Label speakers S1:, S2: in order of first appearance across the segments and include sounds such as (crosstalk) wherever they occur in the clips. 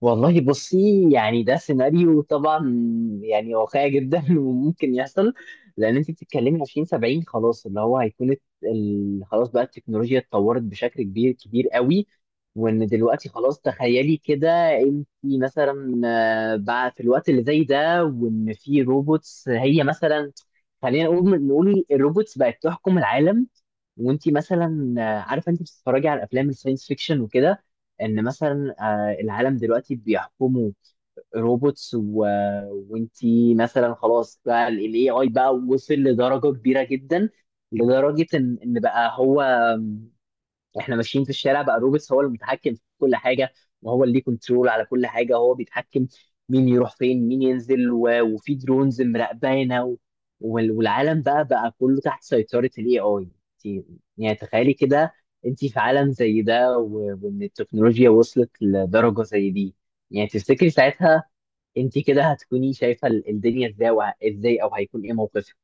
S1: والله بصي، يعني ده سيناريو طبعا، يعني واقعي جدا (laughs) وممكن يحصل. لان انت بتتكلمي 2070، خلاص اللي هو هيكون خلاص بقى التكنولوجيا اتطورت بشكل كبير كبير قوي. وان دلوقتي خلاص، تخيلي كده انت مثلا، بقى في الوقت اللي زي ده، وان في روبوتس هي مثلا، خلينا نقول الروبوتس بقت تحكم العالم. وانت مثلا عارفه انت بتتفرجي على افلام الساينس فيكشن وكده، ان مثلا العالم دلوقتي بيحكمه روبوتس وانتي مثلا خلاص بقى الاي اي بقى وصل لدرجه كبيره جدا، لدرجه ان بقى هو احنا ماشيين في الشارع، بقى روبس هو المتحكم في كل حاجه، وهو اللي ليه كنترول على كل حاجه، هو بيتحكم مين يروح فين، مين ينزل، وفي درونز مراقبانا، والعالم بقى كله تحت سيطره الاي اي. يعني تخيلي كده انت في عالم زي ده، وان التكنولوجيا وصلت لدرجه زي دي. يعني تفتكري ساعتها انت كده هتكوني شايفه الدنيا ازاي، ازاي، او هيكون ايه موقفك؟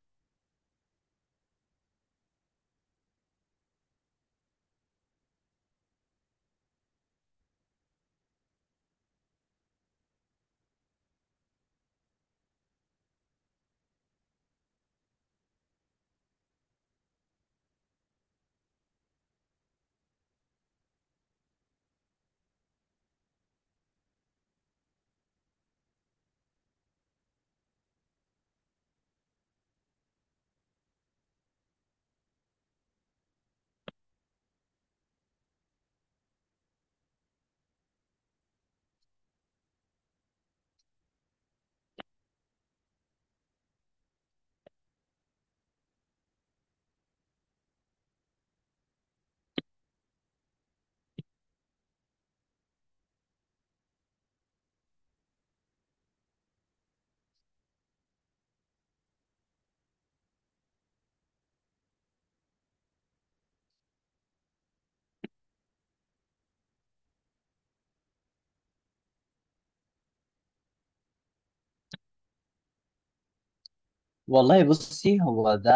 S1: والله بصي، هو ده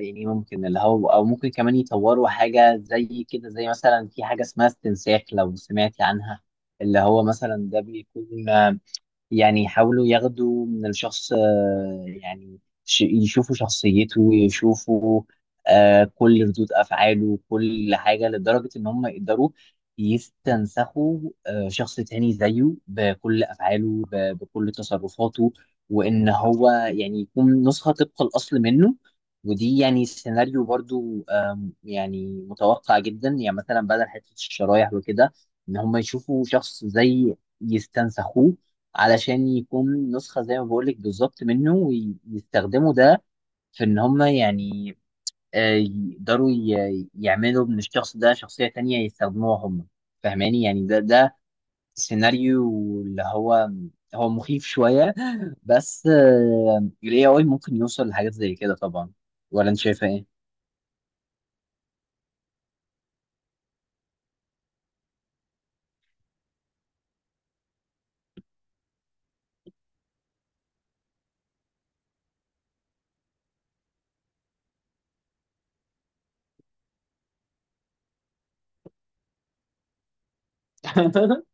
S1: يعني ممكن اللي هو، او ممكن كمان يطوروا حاجه زي كده، زي مثلا في حاجه اسمها استنساخ لو سمعتي عنها. اللي هو مثلا ده بيكون، يعني يحاولوا ياخدوا من الشخص، يعني يشوفوا شخصيته، يشوفوا كل ردود أفعاله، كل حاجة، لدرجة إن هم يقدروا يستنسخوا شخص تاني زيه بكل أفعاله، بكل تصرفاته، وإن هو يعني يكون نسخة طبق الأصل منه. ودي يعني سيناريو برضو، يعني متوقع جدا. يعني مثلا بدل حتة الشرايح وكده، إن هم يشوفوا شخص زي يستنسخوه علشان يكون نسخة زي ما بقولك بالظبط منه، ويستخدموا ده في إن هم يعني يقدروا يعملوا من الشخص ده شخصية تانية يستخدموها هم. فاهماني؟ يعني ده سيناريو اللي هو هو مخيف شوية. بس ال AI ممكن يوصل لحاجات زي كده طبعا. ولا أنت شايفة إيه؟ (laughs)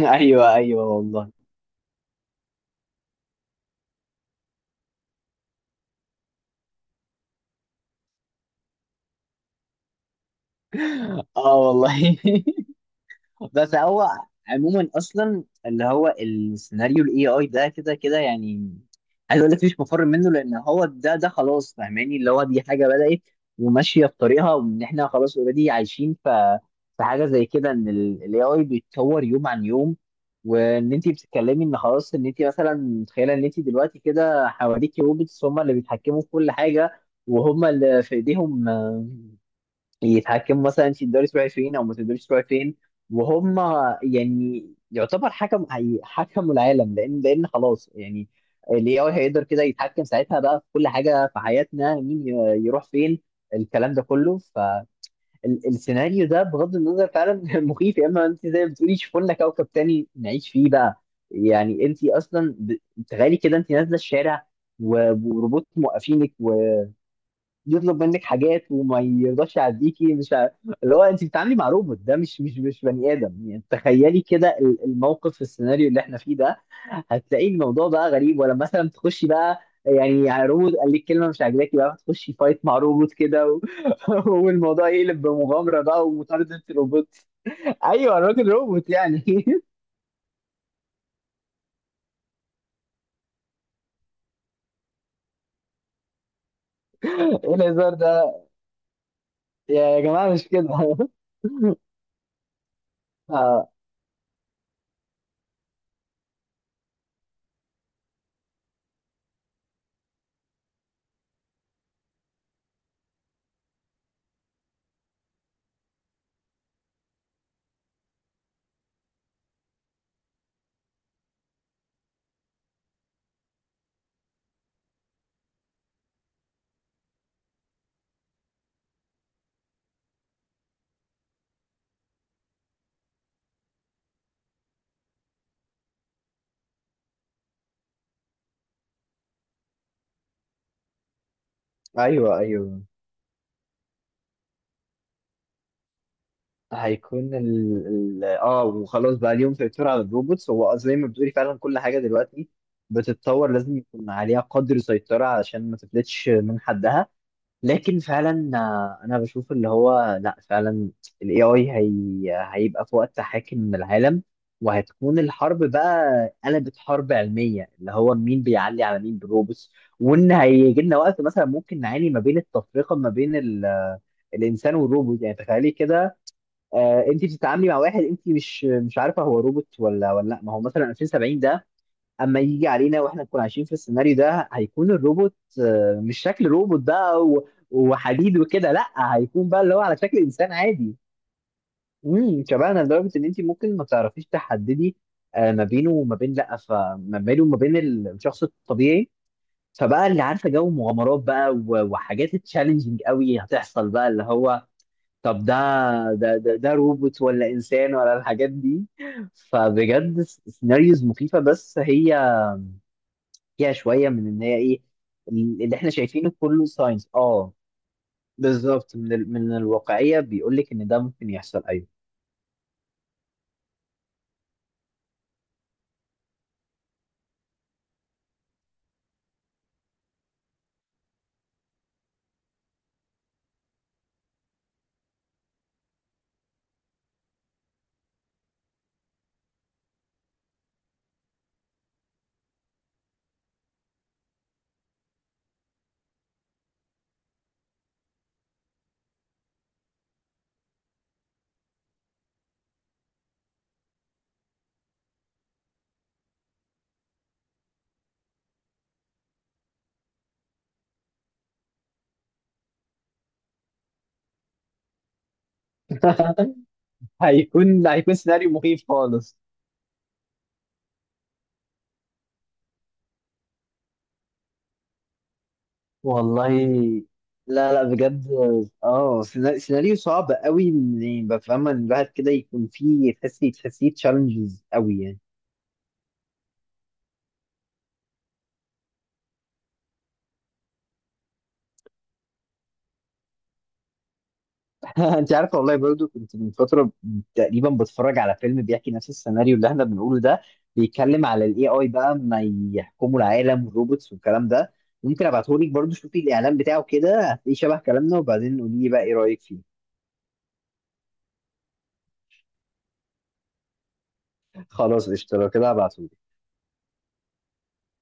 S1: ايوه، ايوه، والله. اه، والله (laughs) بس هو عموما، اصلا اللي هو السيناريو الاي اي ده كده كده يعني، عايز اقول لك مفيش مفر منه، لان هو ده خلاص. فاهماني؟ اللي هو دي حاجه بدات وماشيه في طريقها، وان احنا خلاص اوريدي عايشين في حاجه زي كده، ان الاي اي بيتطور يوم عن يوم. وان انت بتتكلمي ان خلاص، ان انت مثلا متخيله ان انت دلوقتي كده حواليكي روبوتس، هم اللي بيتحكموا في كل حاجه، وهم اللي في ايديهم يتحكموا مثلا في الدوري الاسبوعي فين، او ما في الدوري الاسبوعي فين، وهم يعني يعتبر حكم، حكموا العالم. لان خلاص يعني الاي اي هيقدر كده يتحكم ساعتها بقى في كل حاجه في حياتنا، مين يروح فين، الكلام ده كله. فالسيناريو ده بغض النظر فعلا (laughs) مخيف، يا اما انت زي ما بتقولي شوفوا لنا كوكب تاني نعيش فيه بقى. يعني انت اصلا تخيلي كده انت نازله الشارع، وروبوت موقفينك، يطلب منك حاجات وما يرضاش يعديكي، مش اللي هو انت بتتعاملي مع روبوت، ده مش بني ادم. يعني تخيلي كده الموقف في السيناريو اللي احنا فيه ده، هتلاقي الموضوع بقى غريب. ولا مثلا تخشي بقى يعني، روبوت قال لك كلمه مش عاجباكي، بقى تخشي فايت مع روبوت كده، (laughs) والموضوع يقلب بمغامره بقى ومطارده روبوت. ايوه، الراجل روبوت يعني (laughs) ايه الهزار ده؟ يا يا جماعه مش كده (laughs) آه، ايوه، ايوه. هيكون ال... ال... اه وخلاص بقى اليوم سيطر على الروبوتس. هو زي ما بتقولي، فعلا كل حاجه دلوقتي بتتطور، لازم يكون عليها قدر سيطره علشان ما تفلتش من حدها. لكن فعلا، انا بشوف اللي هو، لا فعلا الاي اي هيبقى في وقت حاكم العالم، وهتكون الحرب بقى قلبت حرب علميه، اللي هو مين بيعلي على مين بالروبوتس. وان هيجي لنا وقت مثلا ممكن نعاني ما بين التفرقه، ما بين الانسان والروبوت. يعني تخيلي كده، انت بتتعاملي مع واحد انت مش مش عارفه هو روبوت ولا ولا لا، ما هو مثلا 2070 ده اما يجي علينا واحنا نكون عايشين في السيناريو ده، هيكون الروبوت مش شكل روبوت بقى وحديد وكده، لا هيكون بقى اللي هو على شكل انسان عادي. شبهنا لدرجه ان انت ممكن ما تعرفيش تحددي، ما بينه وما بين، لا، فما بينه وما بين الشخص الطبيعي. فبقى اللي عارفه جو مغامرات بقى وحاجات تشالنجينج قوي هتحصل بقى، اللي هو طب ده روبوت ولا انسان، ولا الحاجات دي؟ فبجد سيناريوز مخيفه، بس هي فيها شويه من ان هي ايه، اللي احنا شايفينه كله ساينس، بالظبط. من الواقعيه بيقول لك ان ده ممكن يحصل، ايوه. (laughs) هيكون سيناريو مخيف خالص. والله لا، لا، بجد. اه، سيناريو صعب قوي، يعني بفهم ان الواحد كده يكون فيه تحسيه تشالنجز قوي يعني. انت عارفه، والله برضو كنت من فتره تقريبا بتفرج على فيلم بيحكي نفس السيناريو اللي احنا بنقوله ده، بيتكلم على الاي اي بقى، ما يحكموا العالم والروبوتس والكلام ده. ممكن ابعته لك برضو، شوفي الاعلان بتاعه كده هتلاقيه شبه كلامنا، وبعدين قولي لي بقى ايه رايك فيه. خلاص قشطه، لو كده هبعته.